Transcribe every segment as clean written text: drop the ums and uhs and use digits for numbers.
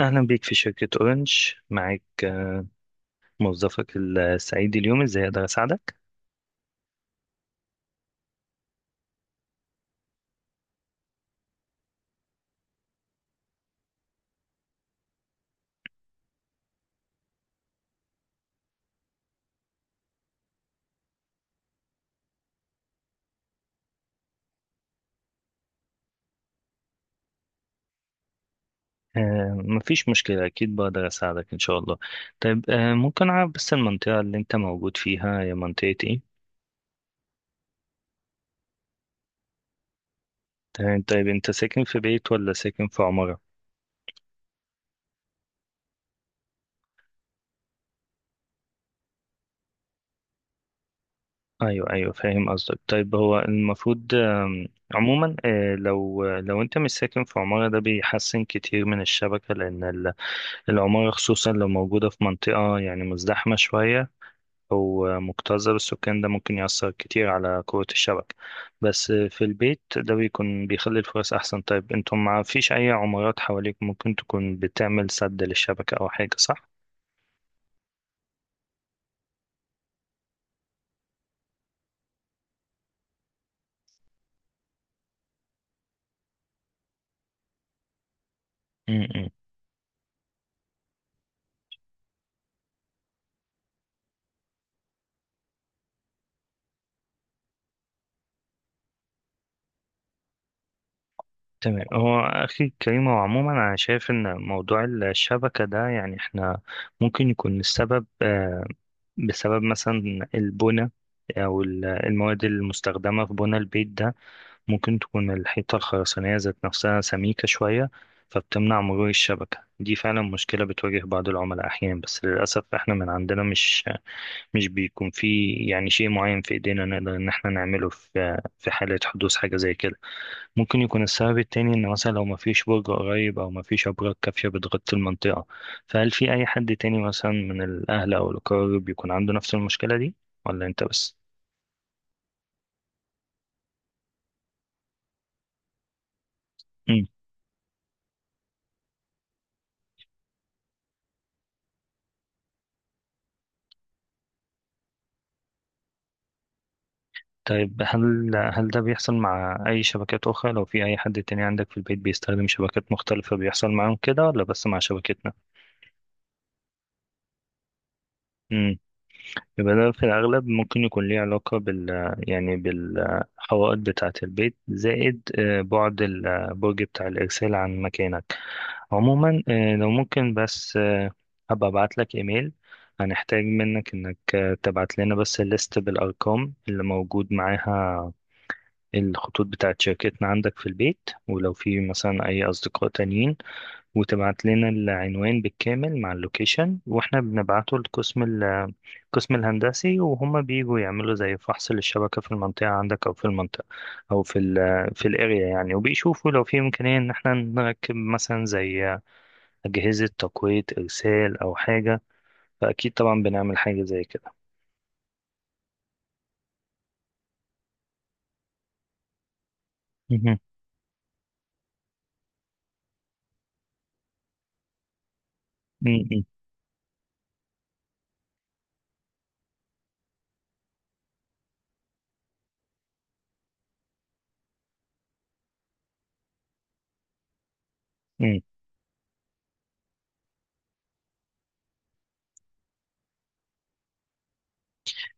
أهلا بيك في شركة أورنج، معاك موظفك السعيد اليوم. إزاي أقدر أساعدك؟ مفيش مشكلة، أكيد بقدر أساعدك إن شاء الله. طيب، ممكن أعرف بس المنطقة اللي أنت موجود فيها هي منطقة إيه؟ طيب، أنت ساكن في بيت ولا ساكن في عمارة؟ أيوه أيوه، فاهم قصدك. طيب هو المفروض عموما، لو أنت مش ساكن في عمارة ده بيحسن كتير من الشبكة، لأن العمارة خصوصا لو موجودة في منطقة يعني مزدحمة شوية، هو مكتظة بالسكان، ده ممكن يأثر كتير على قوة الشبكة. بس في البيت ده بيكون بيخلي الفرص أحسن. طيب انتم ما فيش أي عمارات حواليك ممكن تكون بتعمل سد للشبكة أو حاجة، صح؟ م-م. تمام، هو أخي كريم، هو عموما أنا شايف إن موضوع الشبكة ده يعني إحنا ممكن يكون السبب بسبب مثلا البنى، أو المواد المستخدمة في بنى البيت ده. ممكن تكون الحيطة الخرسانية ذات نفسها سميكة شوية، فبتمنع مرور الشبكة. دي فعلا مشكلة بتواجه بعض العملاء أحيانا، بس للأسف احنا من عندنا مش بيكون في يعني شيء معين في إيدينا نقدر إن احنا نعمله في حالة حدوث حاجة زي كده. ممكن يكون السبب التاني إن مثلا لو مفيش برج قريب أو مفيش أبراج كافية بتغطي المنطقة. فهل في أي حد تاني مثلا من الأهل أو الأقارب بيكون عنده نفس المشكلة دي ولا أنت بس؟ طيب، هل ده بيحصل مع أي شبكات أخرى؟ لو في أي حد تاني عندك في البيت بيستخدم شبكات مختلفة بيحصل معاهم كده ولا بس مع شبكتنا؟ امم يبقى ده في الأغلب ممكن يكون ليه علاقة بال، يعني بالحوائط بتاعة البيت، زائد بعد البرج بتاع الإرسال عن مكانك. عموما، لو ممكن بس. هبقى أبعت لك إيميل. هنحتاج منك إنك تبعت لنا بس الليست بالأرقام اللي موجود معاها الخطوط بتاعت شركتنا عندك في البيت، ولو في مثلا أي أصدقاء تانيين، وتبعت لنا العنوان بالكامل مع اللوكيشن، وإحنا بنبعته لقسم القسم الهندسي، وهم بيجوا يعملوا زي فحص للشبكة في المنطقة عندك، أو في المنطقة أو في الأريا يعني، وبيشوفوا لو في إمكانية إن إحنا نركب مثلا زي أجهزة تقوية إرسال أو حاجة. فأكيد طبعا بنعمل حاجة زي كده. مهم. مم.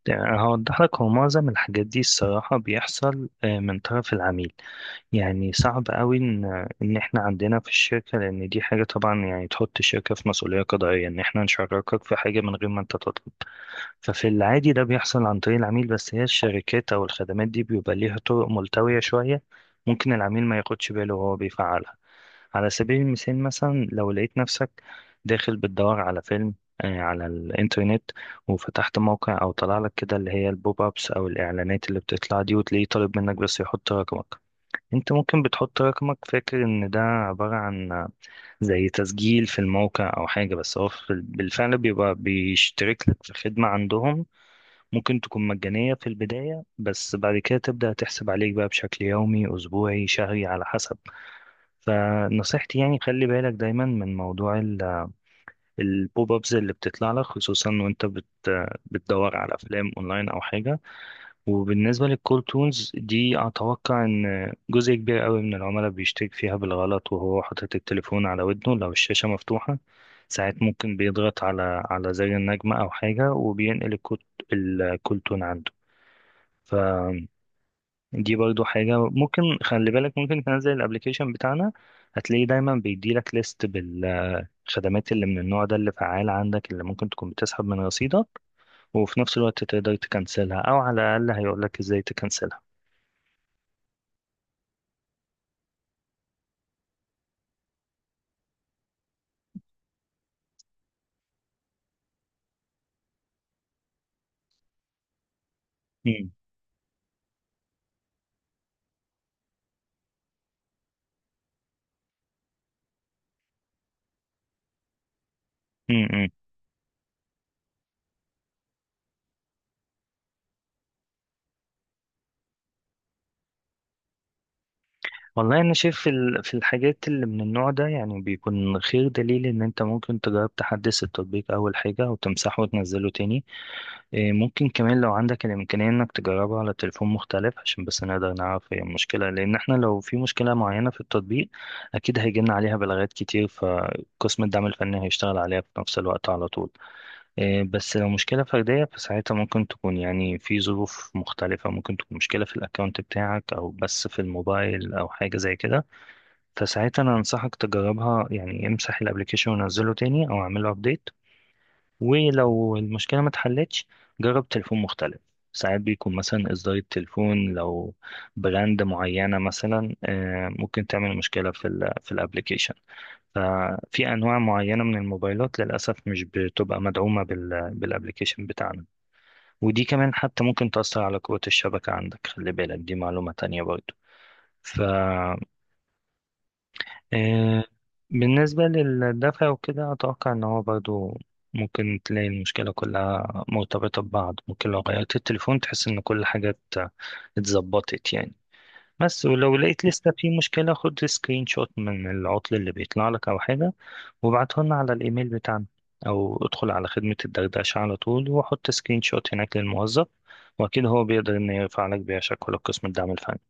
يعني هوضح لك، هو معظم الحاجات دي الصراحة بيحصل من طرف العميل. يعني صعب قوي إن إحنا عندنا في الشركة، لأن دي حاجة طبعا يعني تحط الشركة في مسؤولية قضائية إن إحنا نشاركك في حاجة من غير ما أنت تطلب. ففي العادي ده بيحصل عن طريق العميل، بس هي الشركات أو الخدمات دي بيبقى ليها طرق ملتوية شوية، ممكن العميل ما ياخدش باله وهو بيفعلها. على سبيل المثال، مثلا لو لقيت نفسك داخل بتدور على فيلم على الإنترنت، وفتحت موقع أو طلع لك كده اللي هي البوب أبس أو الإعلانات اللي بتطلع دي، وتلاقيه طالب منك بس يحط رقمك. أنت ممكن بتحط رقمك فاكر إن ده عبارة عن زي تسجيل في الموقع أو حاجة، بس هو بالفعل بيبقى بيشترك لك في خدمة عندهم. ممكن تكون مجانية في البداية بس بعد كده تبدأ تحسب عليك بقى بشكل يومي أسبوعي شهري على حسب. فنصيحتي يعني خلي بالك دايما من موضوع البوب ابز اللي بتطلع لك، خصوصا وانت بتدور على افلام اونلاين او حاجه. وبالنسبه للكول تونز دي، اتوقع ان جزء كبير قوي من العملاء بيشترك فيها بالغلط وهو حاطط التليفون على ودنه، لو الشاشه مفتوحه ساعات ممكن بيضغط على زر النجمه او حاجه وبينقل الكود الكول تون عنده. فدي برضو حاجة ممكن خلي بالك، ممكن تنزل الابليكيشن بتاعنا. هتلاقيه دايما بيديلك ليست الخدمات اللي من النوع ده اللي فعال عندك، اللي ممكن تكون بتسحب من رصيدك، وفي نفس الوقت تقدر تكنسلها او على الاقل هيقولك ازاي تكنسلها. مم. مم. والله انا شايف في في الحاجات اللي من النوع ده، يعني بيكون خير دليل ان انت ممكن تجرب تحدث التطبيق اول حاجه وتمسحه وتنزله تاني. إيه، ممكن كمان لو عندك الامكانيه انك تجربه على تليفون مختلف، عشان بس نقدر نعرف هي المشكله. لان احنا لو في مشكله معينه في التطبيق اكيد هيجيلنا عليها بلاغات كتير، فقسم الدعم الفني هيشتغل عليها في نفس الوقت على طول. إيه، بس لو مشكلة فردية فساعتها ممكن تكون يعني في ظروف مختلفة، ممكن تكون مشكلة في الأكاونت بتاعك أو بس في الموبايل أو حاجة زي كده. فساعتها أنا أنصحك تجربها، يعني امسح الابليكيشن ونزله تاني أو اعمله أبديت. ولو المشكلة ما اتحلتش جرب تليفون مختلف. ساعات بيكون مثلا إصدار التليفون، لو براند معينة مثلا ممكن تعمل مشكلة في ال في الابليكيشن. ففي أنواع معينة من الموبايلات للأسف مش بتبقى مدعومة بالابليكيشن بتاعنا. ودي كمان حتى ممكن تأثر على قوة الشبكة عندك، خلي بالك، دي معلومة تانية برضو. آه، بالنسبة للدفع وكده، أتوقع إن هو برضو ممكن تلاقي المشكلة كلها مرتبطة ببعض. ممكن لو غيرت التليفون تحس إن كل حاجة اتظبطت يعني. بس ولو لقيت لسه في مشكلة، خد سكرين شوت من العطل اللي بيطلع لك أو حاجة وابعته لنا على الإيميل بتاعنا، أو ادخل على خدمة الدردشة على طول وحط سكرين شوت هناك للموظف، وأكيد هو بيقدر إنه يرفع لك بيها شكوى لقسم الدعم الفني.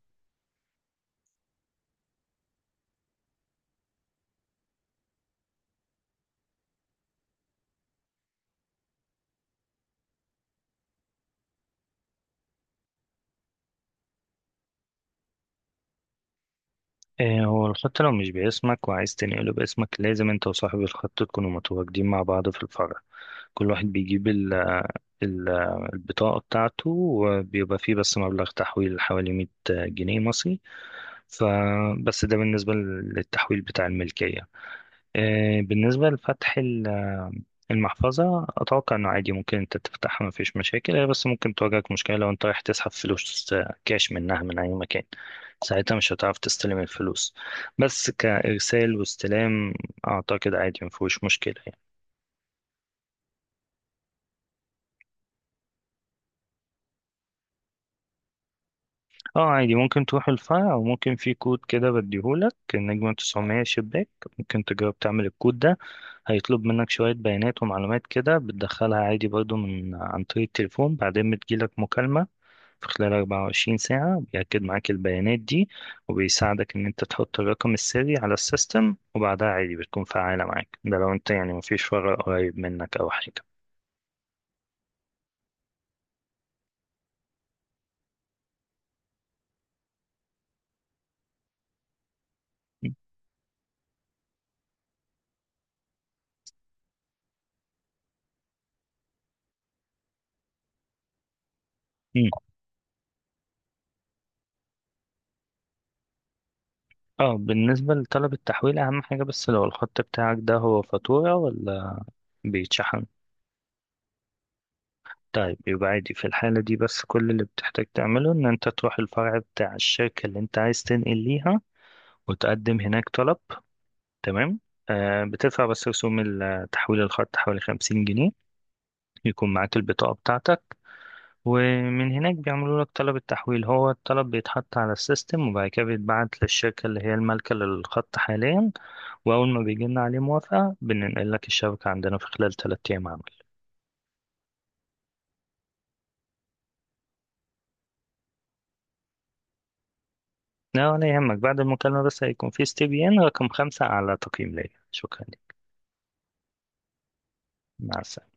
إيه، هو الخط لو مش باسمك وعايز تنقله باسمك لازم انت وصاحب الخط تكونوا متواجدين مع بعض في الفرع. كل واحد بيجيب ال ال البطاقة بتاعته، وبيبقى فيه بس مبلغ تحويل حوالي 100 جنيه مصري. فبس ده بالنسبة للتحويل بتاع الملكية. إيه بالنسبة لفتح المحفظة، أتوقع إنه عادي ممكن أنت تفتحها مفيش مشاكل. هي بس ممكن تواجهك مشكلة لو أنت رايح تسحب فلوس كاش منها من أي مكان، ساعتها مش هتعرف تستلم الفلوس. بس كإرسال واستلام أعتقد عادي مفيهوش مشكلة يعني. اه عادي، ممكن تروح الفرع، وممكن في كود كده بديهولك النجمة 900 شباك، ممكن تجرب تعمل الكود ده. هيطلب منك شوية بيانات ومعلومات كده بتدخلها عادي برضو من عن طريق التليفون، بعدين بتجيلك مكالمة في خلال 24 ساعة بيأكد معاك البيانات دي، وبيساعدك إن أنت تحط الرقم السري على السيستم، وبعدها عادي بتكون فعالة معاك. ده لو أنت يعني مفيش فرع قريب منك أو حاجة. مم. اه، بالنسبة لطلب التحويل أهم حاجة بس لو الخط بتاعك ده هو فاتورة ولا بيتشحن. طيب يبقى عادي في الحالة دي، بس كل اللي بتحتاج تعمله إن أنت تروح الفرع بتاع الشركة اللي أنت عايز تنقل ليها وتقدم هناك طلب. تمام. بتدفع بس رسوم تحويل الخط حوالي 50 جنيه، يكون معاك البطاقة بتاعتك، ومن هناك بيعملوا لك طلب التحويل. هو الطلب بيتحط على السيستم وبعد كده بيتبعت للشركة اللي هي المالكة للخط حاليا، وأول ما بيجي لنا عليه موافقة بننقل لك الشبكة عندنا في خلال 3 أيام عمل. لا ولا يهمك، بعد المكالمة بس هيكون في استبيان رقم 5 أعلى تقييم ليا. شكرا لك. مع السلامة.